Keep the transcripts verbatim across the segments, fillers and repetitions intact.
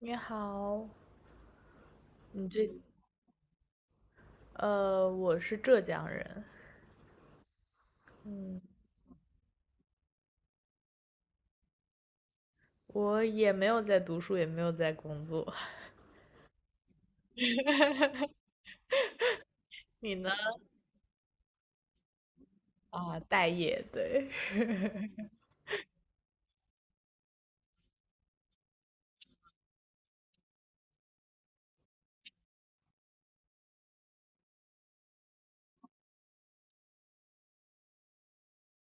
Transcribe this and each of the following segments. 你好，你这呃，我是浙江人，嗯，我也没有在读书，也没有在工作。你呢？啊，待业，对，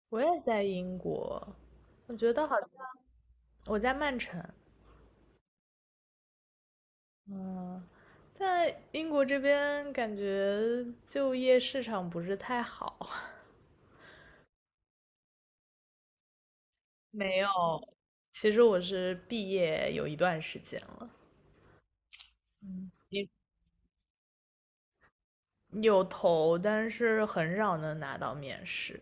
我也在英国，我觉得好像我在曼城，嗯，在英国这边感觉就业市场不是太好。没有，其实我是毕业有一段时间了，嗯，也有投，但是很少能拿到面试。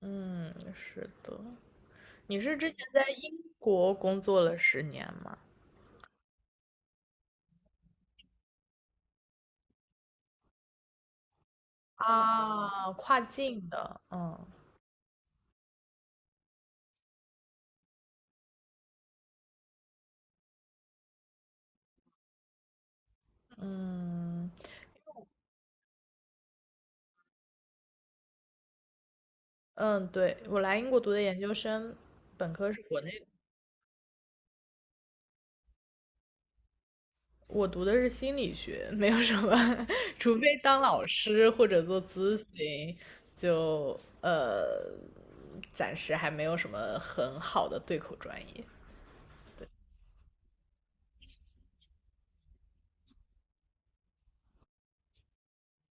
嗯，是的。你是之前在英国工作了十年吗？啊，跨境的，嗯嗯嗯，对，我来英国读的研究生，本科是国内的，我读的是心理学，没有什么，除非当老师或者做咨询，就呃，暂时还没有什么很好的对口专业。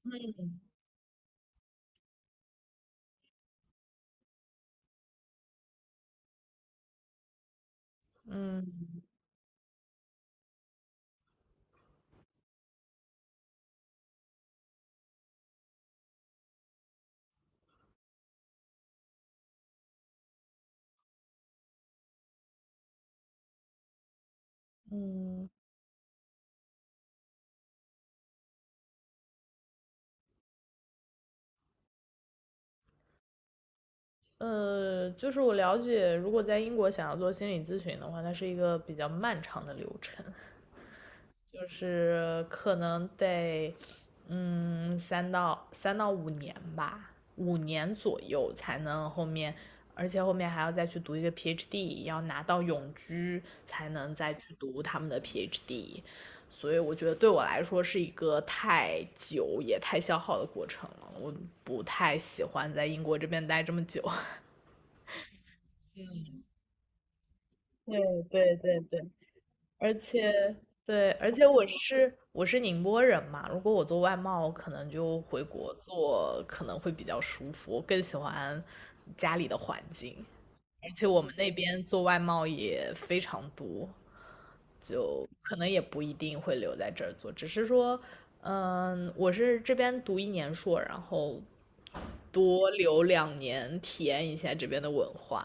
嗯嗯。嗯呃，就是我了解，如果在英国想要做心理咨询的话，它是一个比较漫长的流程，就是可能得，嗯，三到三到五年吧，五年左右才能后面，而且后面还要再去读一个 PhD，要拿到永居才能再去读他们的 PhD，所以我觉得对我来说是一个太久也太消耗的过程了，我不太喜欢在英国这边待这么久。对对对对，而且对，而且我是我是宁波人嘛，如果我做外贸，我可能就回国做，可能会比较舒服，我更喜欢家里的环境，而且我们那边做外贸也非常多，就可能也不一定会留在这儿做，只是说，嗯，我是这边读一年硕，然后多留两年，体验一下这边的文化。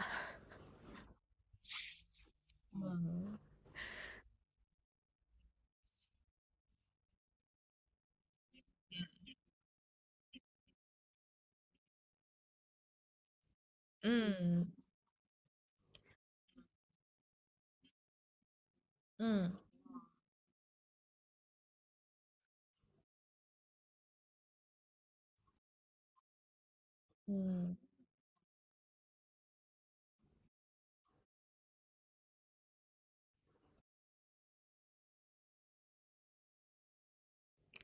嗯嗯。嗯，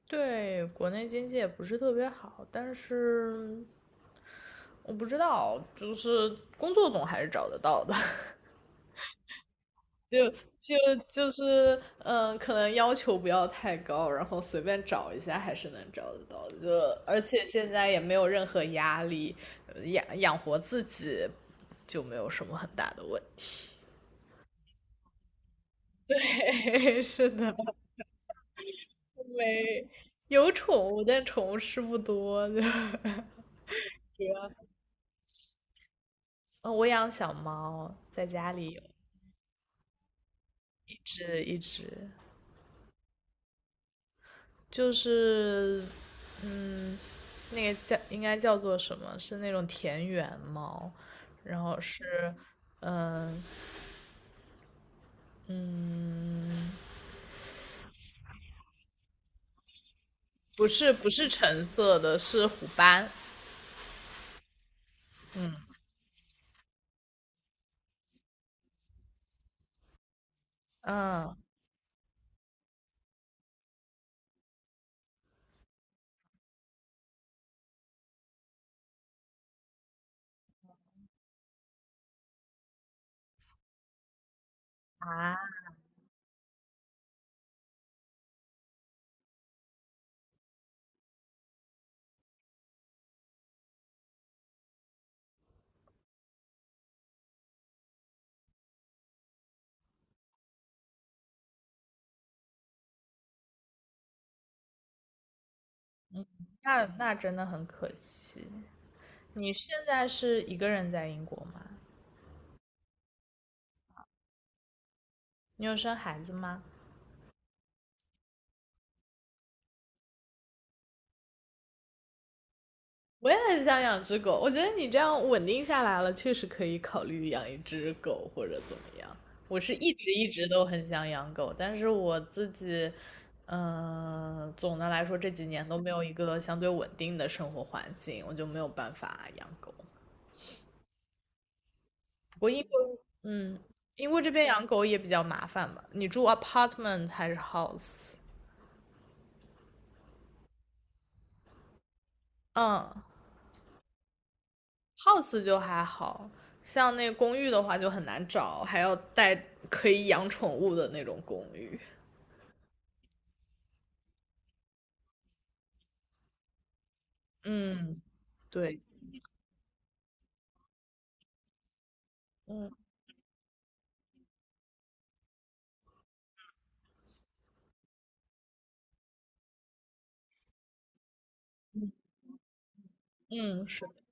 对，国内经济也不是特别好，但是我不知道，就是工作总还是找得到的，就就就是嗯，可能要求不要太高，然后随便找一下还是能找得到的，就而且现在也没有任何压力，呃养养活自己就没有什么很大的问题。对，是的，没有宠物，但宠物是不多的。嗯，我养小猫，在家里有一只一只，就是，嗯，那个叫应该叫做什么？是那种田园猫，然后是，嗯嗯，不是不是橙色的，是虎斑，嗯嗯。啊，那那真的很可惜。你现在是一个人在英国吗？你有生孩子吗？我也很想养只狗，我觉得你这样稳定下来了，确实可以考虑养一只狗或者怎么样。我是一直一直都很想养狗，但是我自己，嗯、总的来说这几年都没有一个相对稳定的生活环境，我就没有办法养狗。不过英国，嗯，英国这边养狗也比较麻烦吧？你住 apartment 还是 house？嗯，house 就还好，像那公寓的话就很难找，还要带可以养宠物的那种公寓。嗯，对，嗯嗯，是的，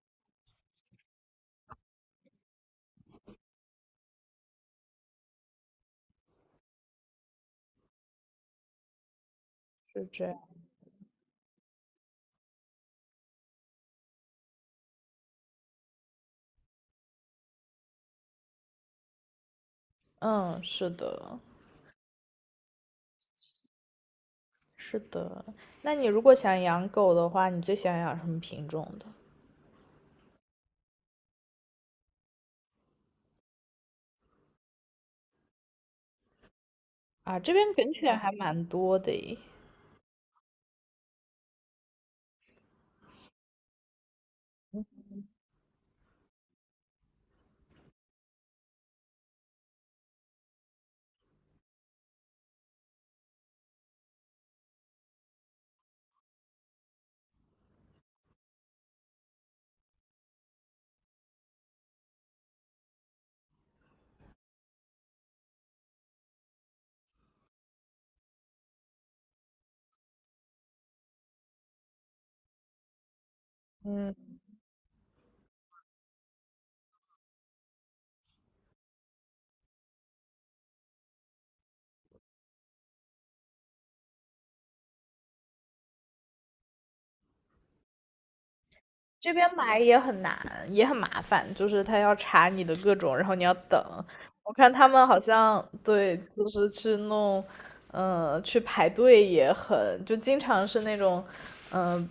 是这样，嗯，是的，是的。那你如果想养狗的话，你最想养什么品种的？啊，这边梗犬还蛮多的诶。这边买也很难，也很麻烦，就是他要查你的各种，然后你要等。我看他们好像对，就是去弄，呃，去排队也很，就经常是那种，嗯、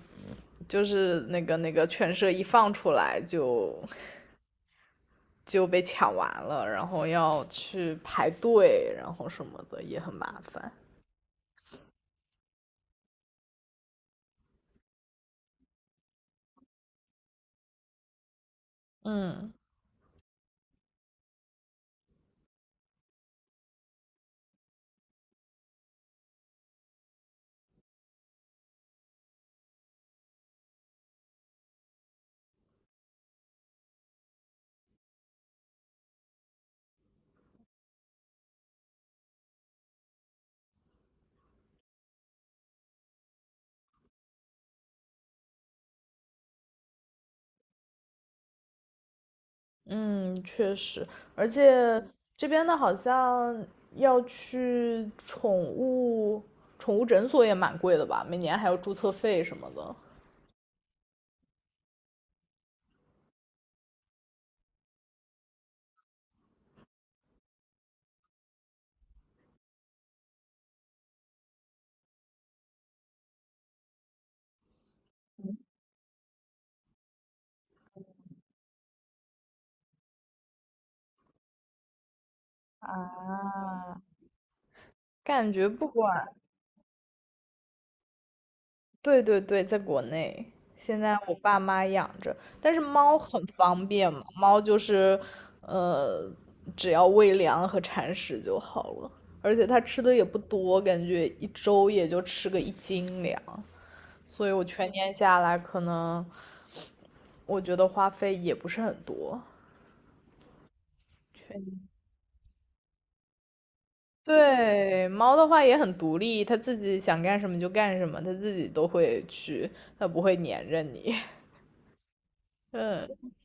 就是那个那个犬舍一放出来就就被抢完了，然后要去排队，然后什么的也很麻烦。嗯。嗯，确实，而且这边的好像要去宠物宠物诊所也蛮贵的吧，每年还有注册费什么的。啊，感觉不管，对对对，在国内，现在我爸妈养着，但是猫很方便嘛，猫就是，呃，只要喂粮和铲屎就好了，而且它吃的也不多，感觉一周也就吃个一斤粮。所以我全年下来可能我觉得花费也不是很多。全对，猫的话也很独立，它自己想干什么就干什么，它自己都会去，它不会粘着你。嗯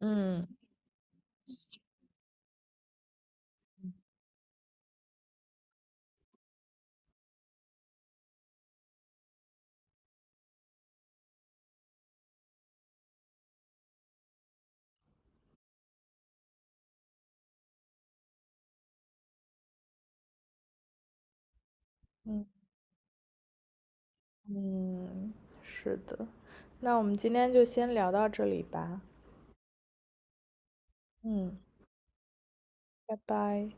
嗯嗯嗯，是的。那我们今天就先聊到这里吧。嗯，拜拜。